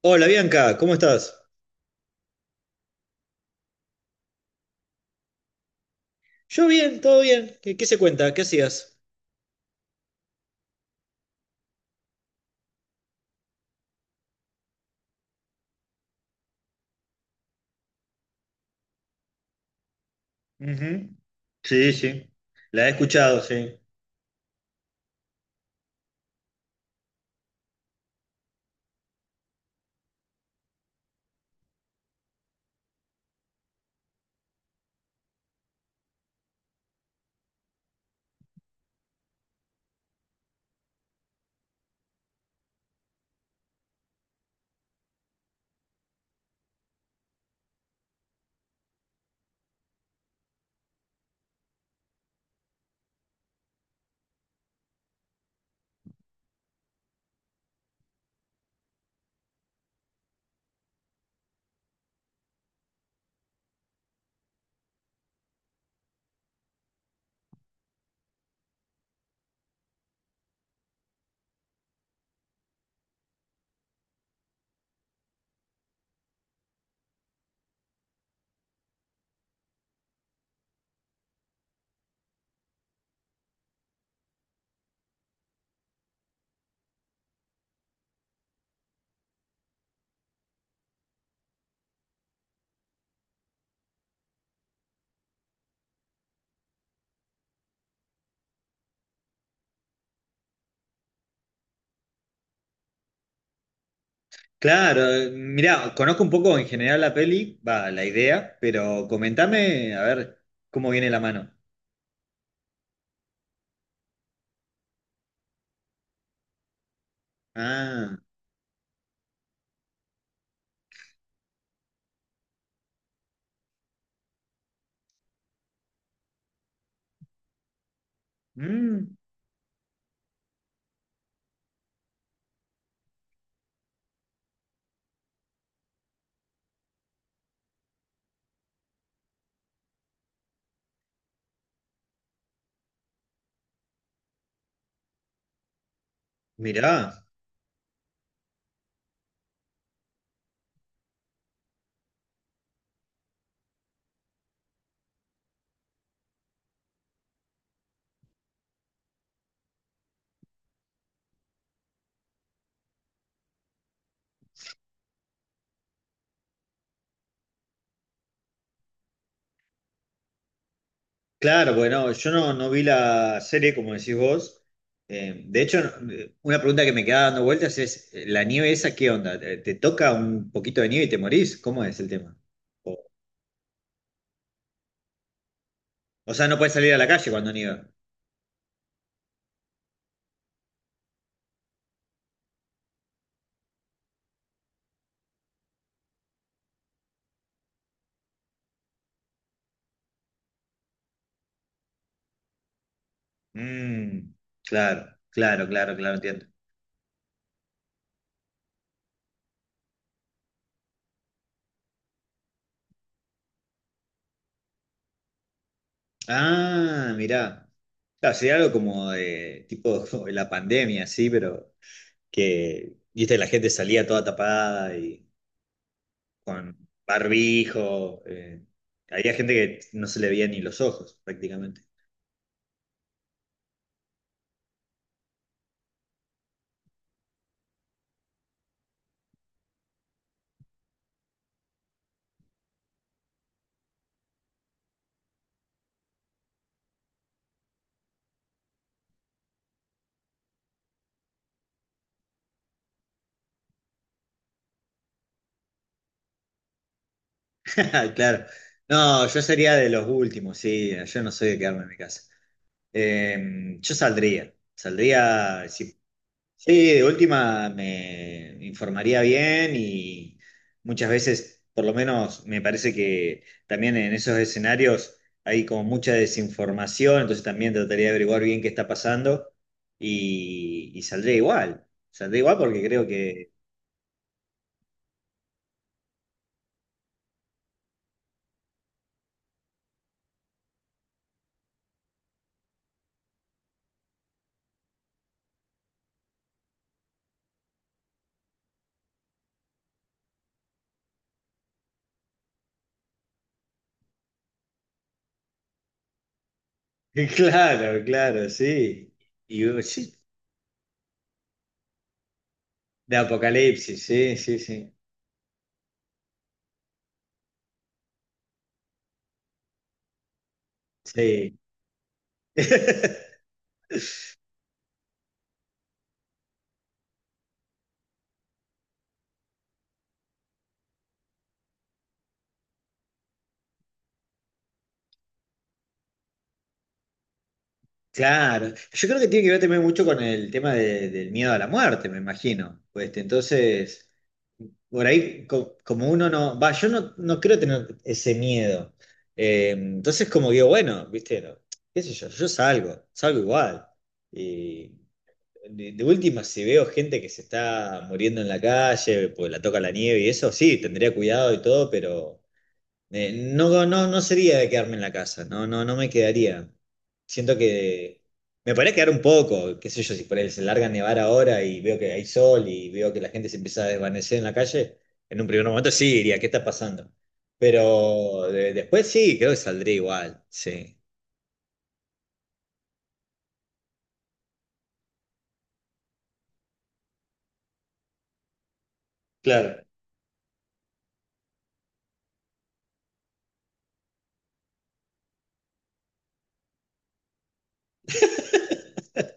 Hola Bianca, ¿cómo estás? Yo bien, todo bien. ¿Qué, qué se cuenta? ¿Qué hacías? Ujú. Sí, sí, la he escuchado, sí. Claro, mirá, conozco un poco en general la peli, va, la idea, pero comentame a ver cómo viene la mano. Ah, mm, mirá, claro, bueno, yo no, no vi la serie como decís vos. De hecho, una pregunta que me queda dando vueltas es, ¿la nieve esa qué onda? ¿Te, te toca un poquito de nieve y te morís? ¿Cómo es el tema? O sea, no puedes salir a la calle cuando nieva. Mm, claro, claro, claro, claro, entiendo. Ah, mirá. Claro, sería algo como de tipo la pandemia, sí, pero que, viste, la gente salía toda tapada y con barbijo. Había gente que no se le veía ni los ojos, prácticamente. Claro. No, yo sería de los últimos, sí. Yo no soy de quedarme en mi casa. Yo saldría. Saldría, si sí, de última me informaría bien y muchas veces, por lo menos me parece que también en esos escenarios hay como mucha desinformación, entonces también trataría de averiguar bien qué está pasando y saldría igual, saldré igual porque creo que... Claro, claro, sí. Y sí, de apocalipsis, sí, sí, sí. Sí. Claro, yo creo que tiene que ver también mucho con el tema de- del miedo a la muerte, me imagino. Pues, este, entonces, por ahí co- como uno no, va, yo no, no creo tener ese miedo. Entonces como digo, bueno, viste, no, qué sé yo, yo salgo, salgo igual. Y de última, si veo gente que se está muriendo en la calle, pues la toca la nieve y eso, sí, tendría cuidado y todo, pero... No, no, no sería de quedarme en la casa, no, no, no me quedaría. Siento que me podría quedar un poco, qué sé yo, si por ahí se larga a nevar ahora y veo que hay sol y veo que la gente se empieza a desvanecer en la calle, en un primer momento sí diría, ¿qué está pasando? Pero de- después sí, creo que saldría igual, sí. Claro.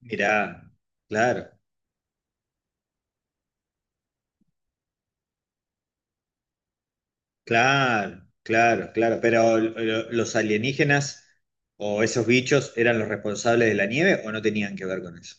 Mirá, claro. Claro, claro, claro. Pero lo- ¿los alienígenas o esos bichos eran los responsables de la nieve o no tenían que ver con eso?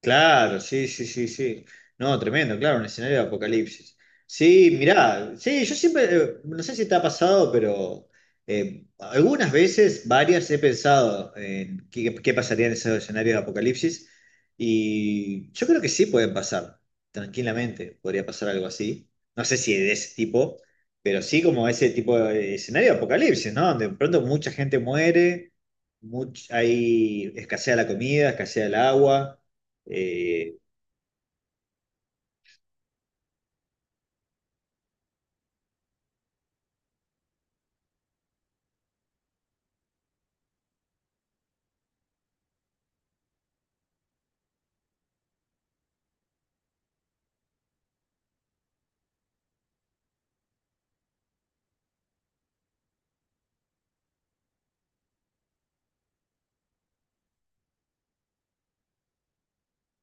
Claro, sí, sí, sí, sí. No, tremendo, claro, un escenario de apocalipsis. Sí, mirá, sí, yo siempre, no sé si te ha pasado, pero algunas veces, varias, he pensado en qué, qué pasaría en esos escenarios de apocalipsis y yo creo que sí pueden pasar, tranquilamente, podría pasar algo así. No sé si de ese tipo, pero sí como ese tipo de escenario de apocalipsis, ¿no? Donde de pronto mucha gente muere, much- hay escasea la comida, escasea el agua. Eh,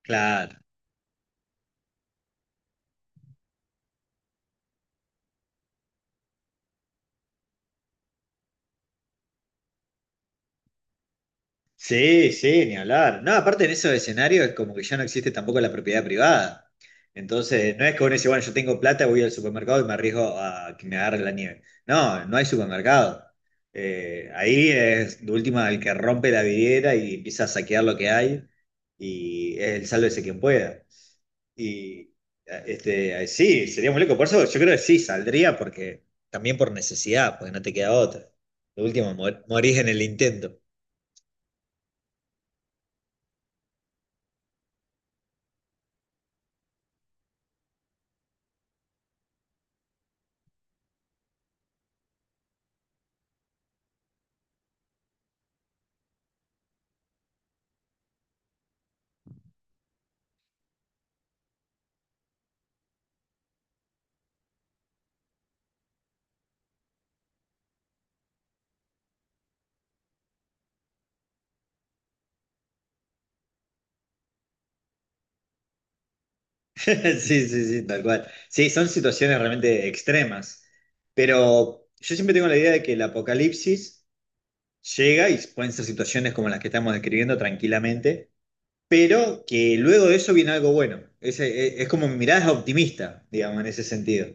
claro. Sí, sí, ni hablar. No, aparte en esos escenarios es como que ya no existe tampoco la propiedad privada. Entonces, no es que uno dice, bueno, yo tengo plata, voy al supermercado y me arriesgo a que me agarre la nieve. No, no hay supermercado. Ahí es de última el que rompe la vidriera y empieza a saquear lo que hay y es el sálvese quien pueda. Y este, sí, sería muy loco. Por eso yo creo que sí, saldría porque también por necesidad, porque no te queda otra. Lo último, mor- morís en el intento. Sí, sí, sí, tal cual. Sí, son situaciones realmente extremas. Pero yo siempre tengo la idea de que el apocalipsis llega y pueden ser situaciones como las que estamos describiendo tranquilamente, pero que luego de eso viene algo bueno. Es como mi mirada es optimista, digamos, en ese sentido.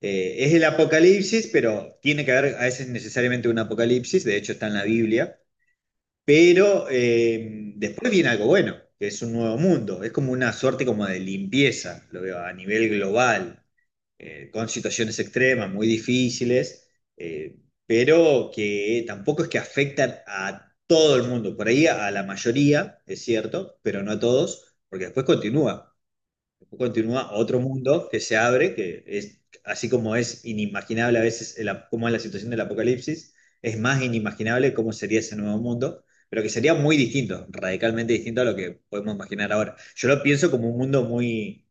Es el apocalipsis, pero tiene que haber a veces necesariamente un apocalipsis, de hecho está en la Biblia, pero después viene algo bueno, que es un nuevo mundo, es como una suerte como de limpieza, lo veo a nivel global con situaciones extremas, muy difíciles, eh, pero que tampoco es que afectan a todo el mundo, por ahí a, la mayoría, es cierto, pero no a todos, porque después continúa otro mundo que se abre, que es así como es inimaginable a veces el ap- cómo es la situación del apocalipsis, es más inimaginable cómo sería ese nuevo mundo. Pero que sería muy distinto, radicalmente distinto a lo que podemos imaginar ahora. Yo lo pienso como un mundo muy,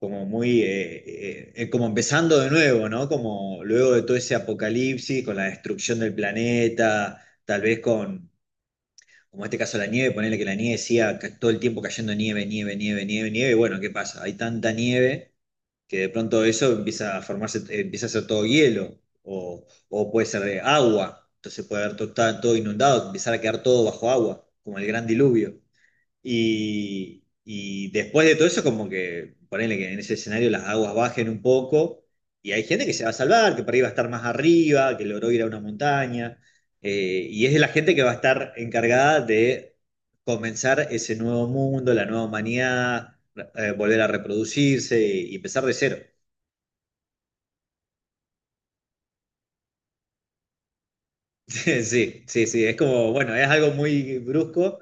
como empezando de nuevo, ¿no? Como luego de todo ese apocalipsis, con la destrucción del planeta, tal vez con, como en este caso la nieve, ponerle que la nieve siga ca- todo el tiempo cayendo nieve, nieve, nieve, nieve, nieve, y bueno, ¿qué pasa? Hay tanta nieve que de pronto eso empieza a formarse, empieza a ser todo hielo, o puede ser de agua, entonces puede haber todo, está todo inundado, empezar a quedar todo bajo agua, como el gran diluvio. Y después de todo eso, como que ponele que en ese escenario las aguas bajen un poco y hay gente que se va a salvar, que por ahí va a estar más arriba, que logró ir a una montaña. Y es de la gente que va a estar encargada de comenzar ese nuevo mundo, la nueva humanidad, volver a reproducirse y empezar de cero. Sí, sí, sí, es como, bueno, es algo muy brusco,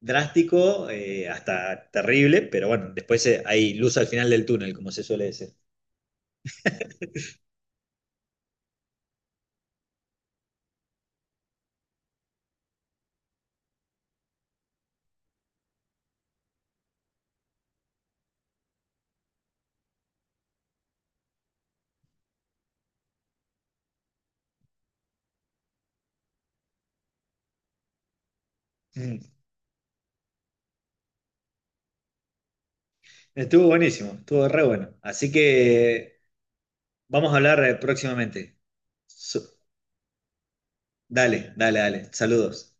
drástico, hasta terrible, pero bueno, después hay luz al final del túnel, como se suele decir. Mm. Estuvo buenísimo, estuvo re bueno. Así que vamos a hablar próximamente. Su- dale, dale, dale. Saludos.